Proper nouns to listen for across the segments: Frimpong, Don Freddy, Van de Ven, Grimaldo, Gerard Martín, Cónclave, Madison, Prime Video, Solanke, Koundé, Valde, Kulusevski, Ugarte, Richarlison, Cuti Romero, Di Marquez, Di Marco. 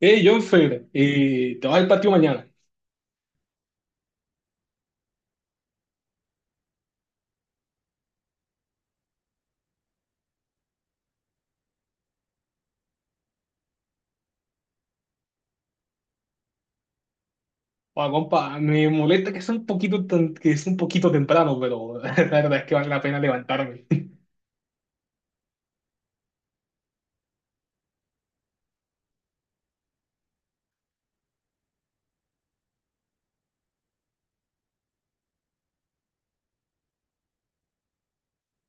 Hey, Jonfer, te vas al patio mañana. Oa, compa, me molesta que sea un poquito, que es un poquito temprano, pero la verdad es que vale la pena levantarme.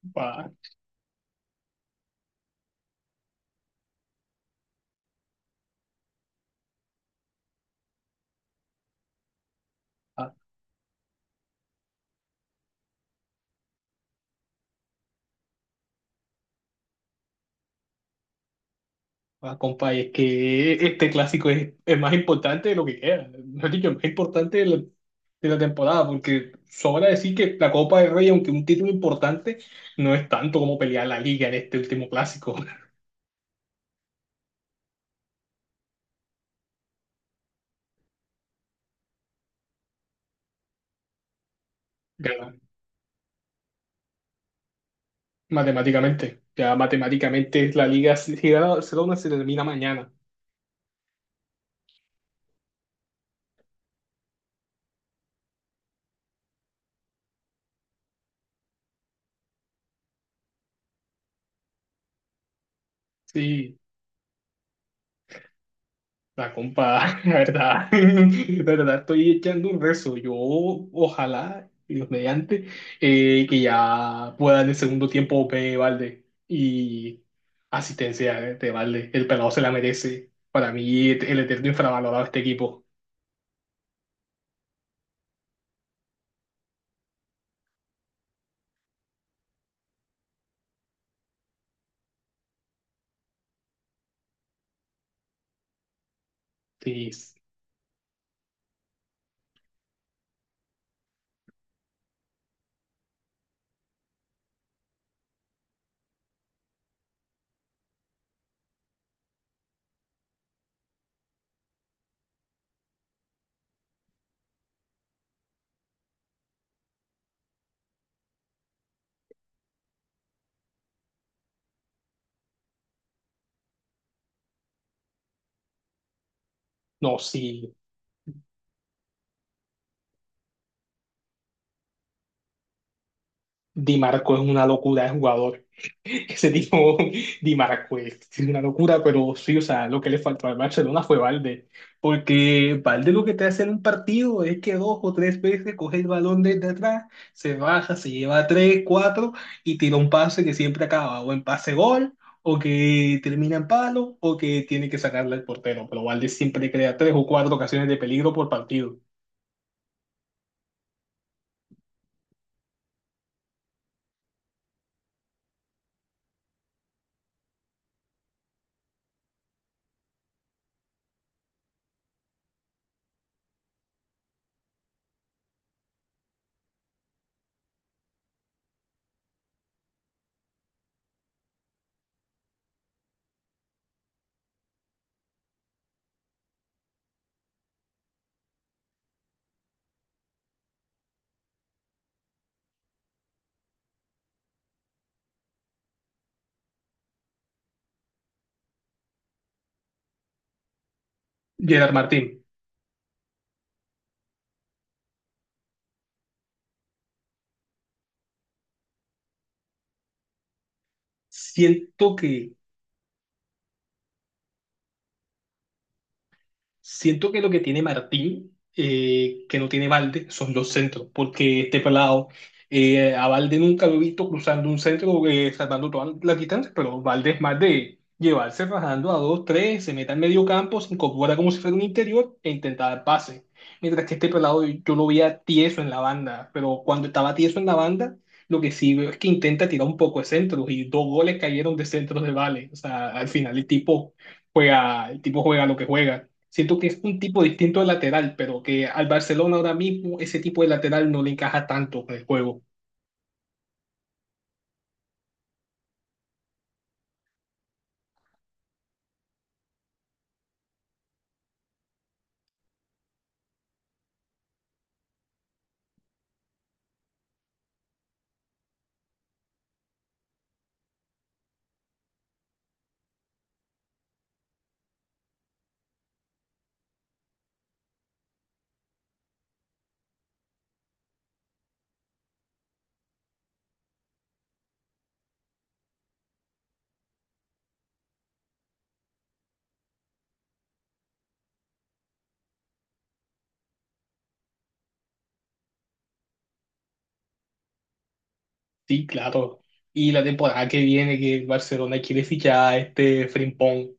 Pa, pa- pa, compa, y es que este clásico es el más importante de lo que queda. Mejor dicho, el más importante de de la temporada, porque sobra decir que la Copa del Rey, aunque un título importante, no es tanto como pelear la liga en este último clásico. Ya, ya matemáticamente la liga si se gana- Barcelona se termina mañana. Sí. La compa, la verdad, la verdad estoy echando un rezo. Yo, ojalá, Dios mediante, que ya pueda en el segundo tiempo ver Valde y asistencia de Valde. El pelado se la merece. Para mí, el eterno infravalorado de este equipo. Sí, no, sí, Di Marco es una locura de jugador. Ese tipo Di Marquez, es una locura, pero sí, o sea, lo que le faltó al Barcelona fue Valde, porque Valde lo que te hace en un partido es que dos o tres veces coge el balón desde atrás, se baja, se lleva tres, cuatro y tira un pase que siempre acaba o en pase gol, o que termina en palo, o que tiene que sacarle al portero, pero Valde siempre crea tres o cuatro ocasiones de peligro por partido. Gerard Martín, siento que Siento que lo que tiene Martín, que no tiene Valde, son los centros, porque este pelado, a Valde nunca lo he visto cruzando un centro, salvando todas las distancias, pero Valde es más de llevarse rajando a dos, tres, se meta en medio campo, se incorpora como si fuera un interior e intentar dar pase. Mientras que este pelado yo lo veía tieso en la banda, pero cuando estaba tieso en la banda, lo que sí veo es que intenta tirar un poco de centros y dos goles cayeron de centros de Vale. O sea, al final el tipo juega lo que juega. Siento que es un tipo distinto de lateral, pero que al Barcelona ahora mismo ese tipo de lateral no le encaja tanto con el juego. Sí, claro. Y la temporada que viene que el Barcelona quiere fichar a este Frimpong,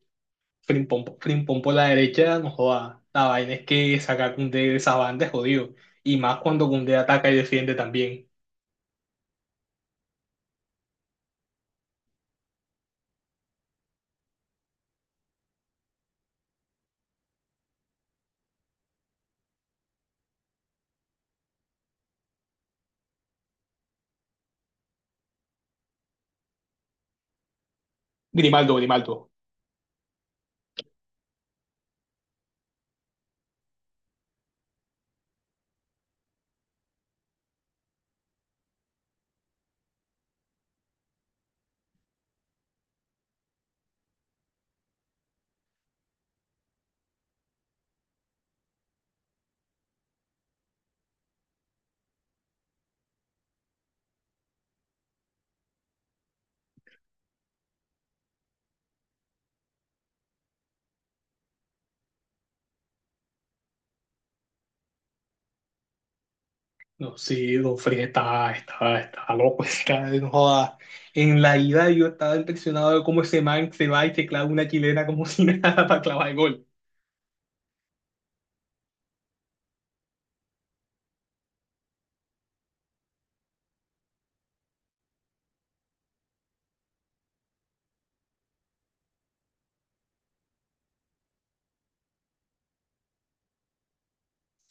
Frimpong por la derecha, no joda. La vaina es que sacar a Koundé de esa banda es jodido. Y más cuando Koundé ataca y defiende también. Grimaldo, Grimaldo. No, sí, Don Freddy está loco, está, no joda. En la ida yo estaba impresionado de cómo ese man se va y se clava una chilena como si nada para clavar el gol.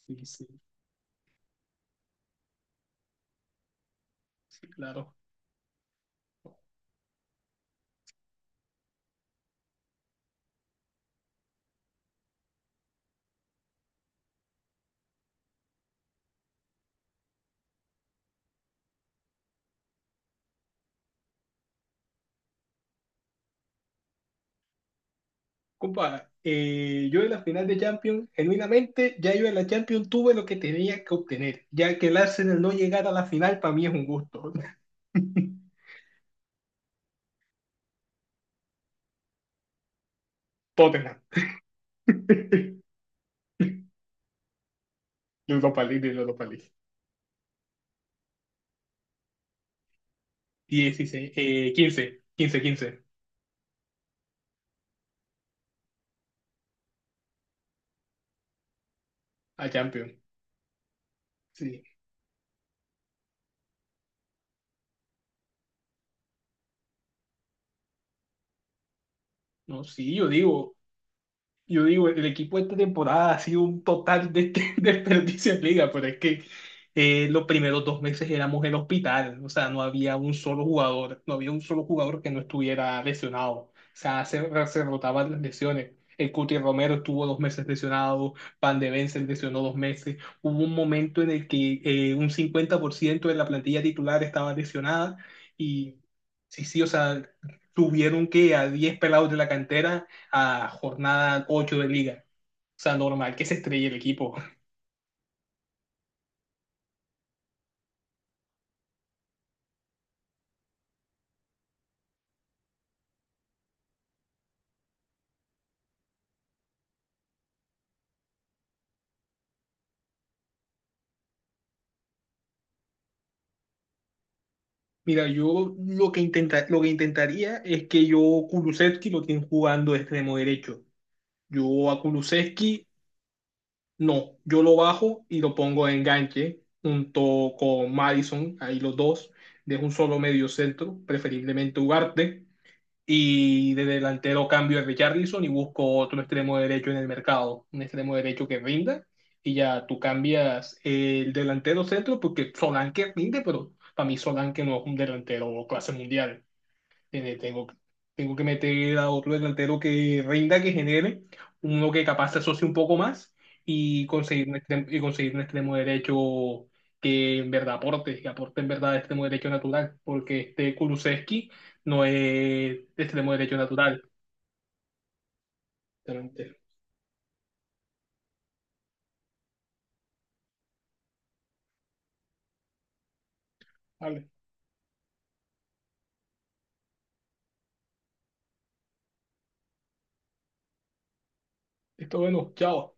Sí, sí, sí, claro. Compa, yo en la final de Champions, genuinamente, ya yo en la Champions tuve lo que tenía que obtener. Ya que el Arsenal no llegara a la final, para mí es un gusto. Tottenham. Europa League, Europa League. 16, 15 quince a Champions. Sí, no, sí, yo digo, el equipo de esta temporada ha sido un total de desperdicio en liga, pero es que los primeros dos meses éramos el hospital, o sea, no había un solo jugador, no había un solo jugador que no estuviera lesionado, o sea, se rotaban las lesiones. El Cuti Romero estuvo dos meses lesionado, Van de Ven se lesionó dos meses. Hubo un momento en el que un 50% de la plantilla titular estaba lesionada y sí, sí, o sea, tuvieron que a 10 pelados de la cantera a jornada 8 de liga. O sea, normal que se estrelle el equipo. Mira, yo lo que, intenta, lo que intentaría es que yo Kulusevski lo tienen jugando de extremo derecho. Yo a Kulusevski no, yo lo bajo y lo pongo de enganche junto con Madison, ahí los dos, de un solo medio centro, preferiblemente Ugarte. Y de delantero cambio a Richarlison y busco otro extremo derecho en el mercado, un extremo derecho que rinda. Y ya tú cambias el delantero centro porque Solanke rinde, pero para mí Solanke no es un delantero clase mundial. Tengo, tengo que meter a otro delantero que rinda, que genere, uno que capaz se asocie un poco más y conseguir un extremo, y conseguir un extremo derecho que en verdad aporte, que aporte en verdad extremo derecho natural, porque este Kulusevski no es extremo derecho natural. Vale, esto bueno, chao.